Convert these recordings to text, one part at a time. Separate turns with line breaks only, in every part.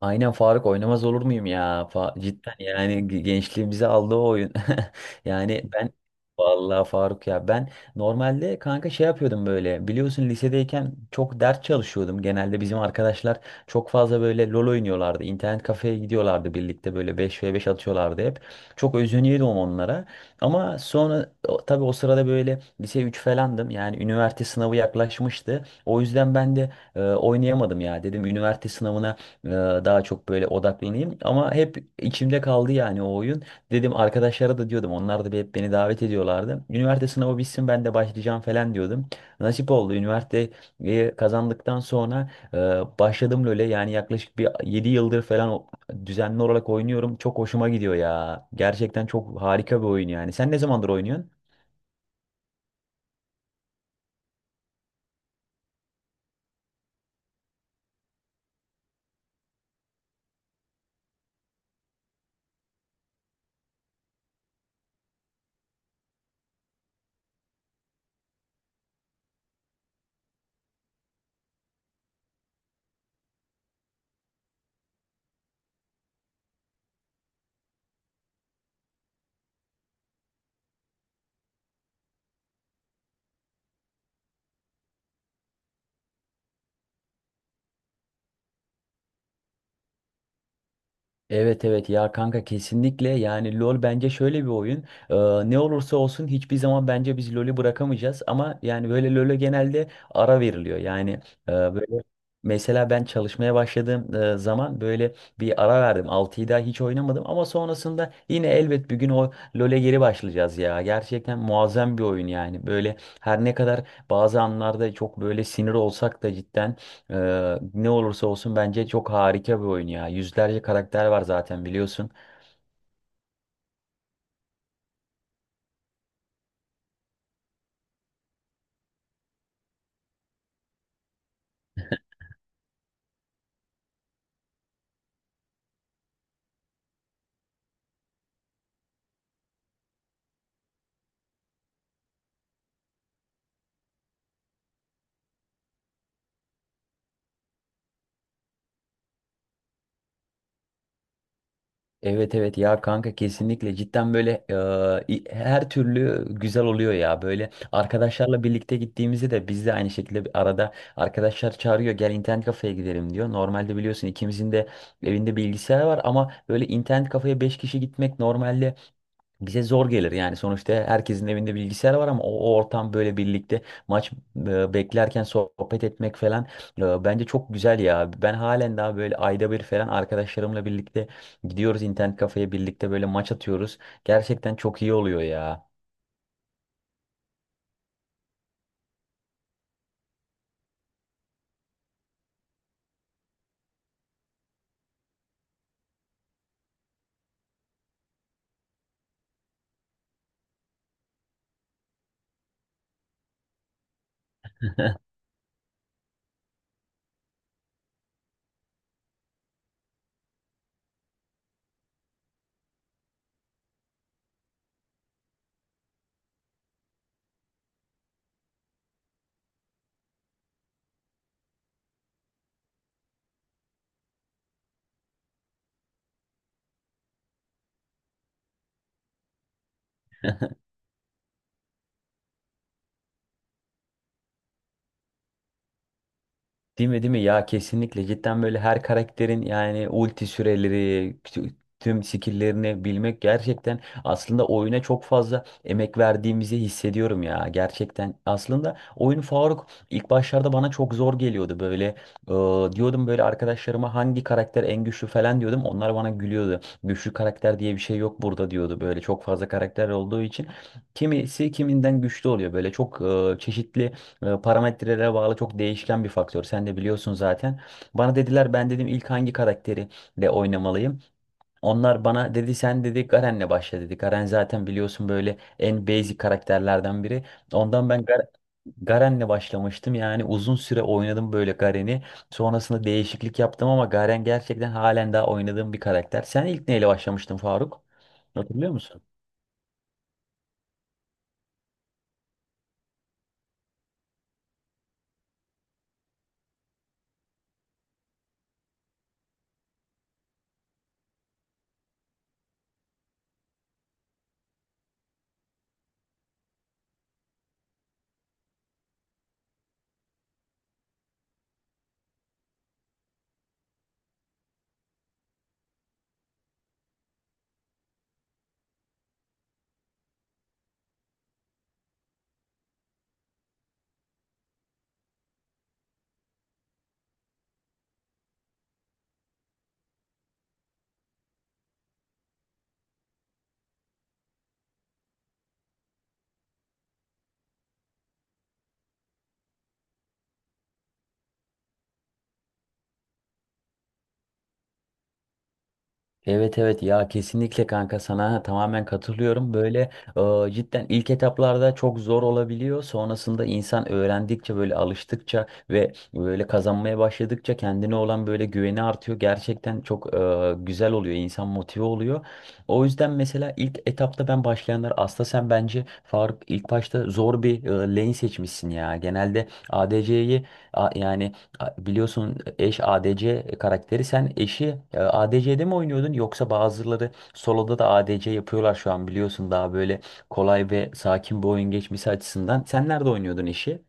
Aynen Faruk oynamaz olur muyum ya? Cidden yani gençliğimizi aldı o oyun. Yani ben vallahi Faruk ya ben normalde kanka şey yapıyordum böyle biliyorsun lisedeyken çok ders çalışıyordum. Genelde bizim arkadaşlar çok fazla böyle LoL oynuyorlardı. İnternet kafeye gidiyorlardı birlikte böyle beş ve beş atıyorlardı hep. Çok özeniyordum onlara. Ama sonra tabii o sırada böyle lise 3 falandım. Yani üniversite sınavı yaklaşmıştı. O yüzden ben de oynayamadım ya. Dedim üniversite sınavına ee, Daha çok böyle odaklanayım. Ama hep içimde kaldı yani o oyun. Dedim arkadaşlara da diyordum. Onlar da hep beni davet ediyorlardı. Üniversite sınavı bitsin ben de başlayacağım falan diyordum. Nasip oldu. Üniversiteyi kazandıktan sonra başladım LoL'e. Yani yaklaşık bir 7 yıldır falan düzenli olarak oynuyorum. Çok hoşuma gidiyor ya. Gerçekten çok harika bir oyun yani. Sen ne zamandır oynuyorsun? Evet evet ya kanka kesinlikle yani LoL bence şöyle bir oyun. Ee, Ne olursa olsun hiçbir zaman bence biz LoL'ü bırakamayacağız ama yani böyle LoL'e genelde ara veriliyor yani böyle mesela ben çalışmaya başladığım zaman böyle bir ara verdim, 6'yı daha hiç oynamadım ama sonrasında yine elbet bir gün o LoL'e geri başlayacağız ya, gerçekten muazzam bir oyun yani böyle. Her ne kadar bazı anlarda çok böyle sinir olsak da cidden ne olursa olsun bence çok harika bir oyun ya. Yüzlerce karakter var zaten biliyorsun. Evet evet ya kanka kesinlikle cidden böyle her türlü güzel oluyor ya. Böyle arkadaşlarla birlikte gittiğimizde de biz de aynı şekilde bir arada, arkadaşlar çağırıyor, gel internet kafeye gidelim diyor. Normalde biliyorsun ikimizin de evinde bilgisayar var ama böyle internet kafeye 5 kişi gitmek normalde bize zor gelir yani, sonuçta herkesin evinde bilgisayar var ama o ortam, böyle birlikte maç beklerken sohbet etmek falan bence çok güzel ya. Ben halen daha böyle ayda bir falan arkadaşlarımla birlikte gidiyoruz internet kafeye, birlikte böyle maç atıyoruz. Gerçekten çok iyi oluyor ya. Değil mi, değil mi? Ya kesinlikle, cidden böyle her karakterin yani ulti süreleri, tü- tüm skill'lerini bilmek, gerçekten aslında oyuna çok fazla emek verdiğimizi hissediyorum ya gerçekten. Aslında oyun Faruk ilk başlarda bana çok zor geliyordu böyle. Diyordum böyle arkadaşlarıma hangi karakter en güçlü falan diyordum. Onlar bana gülüyordu. Güçlü karakter diye bir şey yok burada diyordu, böyle çok fazla karakter olduğu için. Kimisi kiminden güçlü oluyor, böyle çok çeşitli parametrelere bağlı, çok değişken bir faktör. Sen de biliyorsun zaten. Bana dediler, ben dedim ilk hangi karakteri de oynamalıyım. Onlar bana dedi, sen dedi Garen'le başla dedi. Garen zaten biliyorsun böyle en basic karakterlerden biri. Ondan ben Garen'le başlamıştım. Yani uzun süre oynadım böyle Garen'i. Sonrasında değişiklik yaptım ama Garen gerçekten halen daha oynadığım bir karakter. Sen ilk neyle başlamıştın Faruk? Hatırlıyor musun? Evet evet ya kesinlikle kanka, sana tamamen katılıyorum. Böyle cidden ilk etaplarda çok zor olabiliyor. Sonrasında insan öğrendikçe, böyle alıştıkça ve böyle kazanmaya başladıkça kendine olan böyle güveni artıyor. Gerçekten çok güzel oluyor. İnsan motive oluyor. O yüzden mesela ilk etapta ben başlayanlar, aslında sen bence Faruk ilk başta zor bir lane seçmişsin ya. Genelde ADC'yi yani biliyorsun eş ADC karakteri. Sen eşi ADC'de mi oynuyordun, yoksa bazıları solo'da da ADC yapıyorlar şu an biliyorsun, daha böyle kolay ve sakin bir oyun geçmesi açısından. Sen nerede oynuyordun eşi?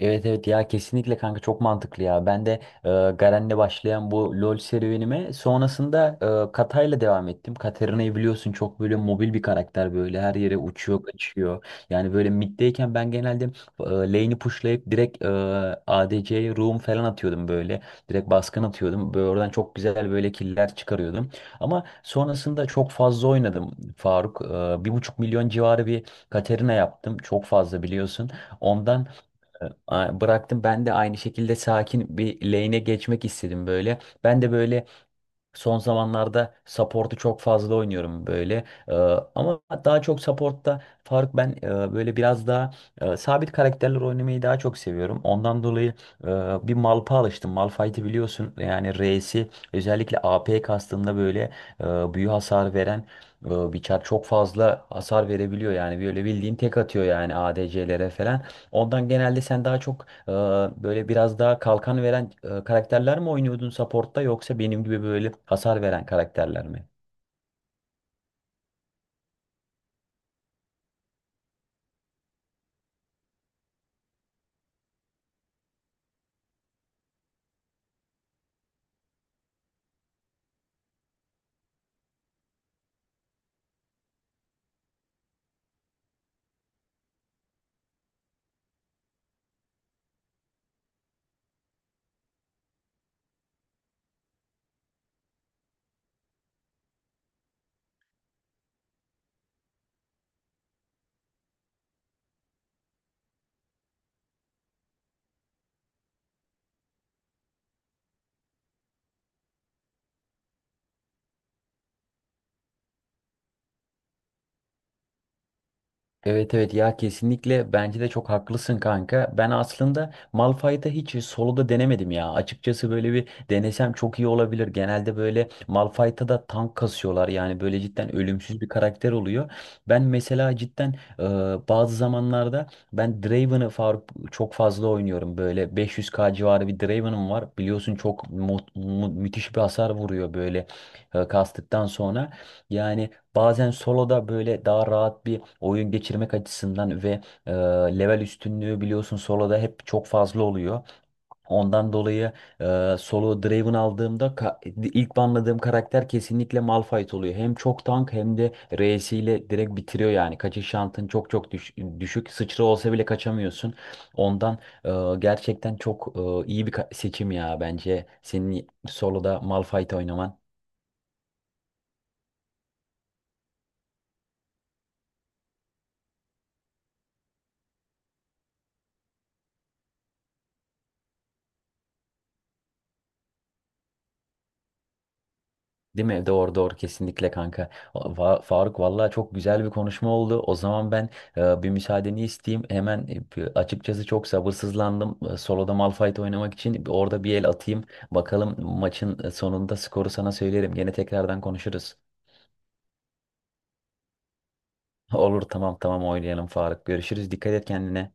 Evet evet ya kesinlikle kanka, çok mantıklı ya. Ben de e, Garen'le başlayan bu LoL serüvenime sonrasında Katay'la devam ettim. Katarina'yı biliyorsun, çok böyle mobil bir karakter, böyle her yere uçuyor kaçıyor. Yani böyle mid'deyken ben genelde lane'i pushlayıp direkt ADC'ye roam falan atıyordum böyle. Direkt baskın atıyordum. Böyle oradan çok güzel böyle killer çıkarıyordum. Ama sonrasında çok fazla oynadım Faruk. 1,5 milyon civarı bir Katarina yaptım. Çok fazla biliyorsun. Ondan bıraktım, ben de aynı şekilde sakin bir lane'e geçmek istedim böyle. Ben de böyle son zamanlarda support'u çok fazla oynuyorum böyle. Ama daha çok support'ta fark, ben böyle biraz daha sabit karakterler oynamayı daha çok seviyorum. Ondan dolayı e, bir Malph'a alıştım. Malphite'i biliyorsun yani reisi, özellikle AP kastığında böyle e, büyü hasar veren bir çar, çok fazla hasar verebiliyor yani, böyle bildiğin tek atıyor yani ADC'lere falan. Ondan genelde sen daha çok ee, böyle biraz daha kalkan veren karakterler mi oynuyordun support'ta, yoksa benim gibi böyle hasar veren karakterler mi? Evet evet ya kesinlikle, bence de çok haklısın kanka. Ben aslında Malphite'ı hiç solo'da denemedim ya. Açıkçası böyle bir denesem çok iyi olabilir. Genelde böyle Malphite'a da tank kasıyorlar. Yani böyle cidden ölümsüz bir karakter oluyor. Ben mesela cidden bazı zamanlarda ben Draven'ı Faruk çok fazla oynuyorum. Böyle 500K civarı bir Draven'ım var. Biliyorsun çok müthiş bir hasar vuruyor böyle kastıktan sonra. Yani bazen soloda böyle daha rahat bir oyun geçirmek açısından ve e, level üstünlüğü biliyorsun soloda hep çok fazla oluyor. Ondan dolayı solo Draven aldığımda ilk banladığım karakter kesinlikle Malphite oluyor. Hem çok tank hem de R'siyle direkt bitiriyor yani. Kaçış şantın çok çok düşük. Sıçra olsa bile kaçamıyorsun. Ondan e, gerçekten çok iyi bir seçim ya, bence senin soloda Malphite oynaman. Değil mi? Doğru doğru, kesinlikle kanka. Faruk vallahi çok güzel bir konuşma oldu. O zaman ben bir müsaadeni isteyeyim. Hemen açıkçası çok sabırsızlandım. Solo'da Malphite oynamak için orada bir el atayım. Bakalım maçın sonunda skoru sana söylerim. Gene tekrardan konuşuruz. Olur tamam tamam, oynayalım Faruk. Görüşürüz. Dikkat et kendine.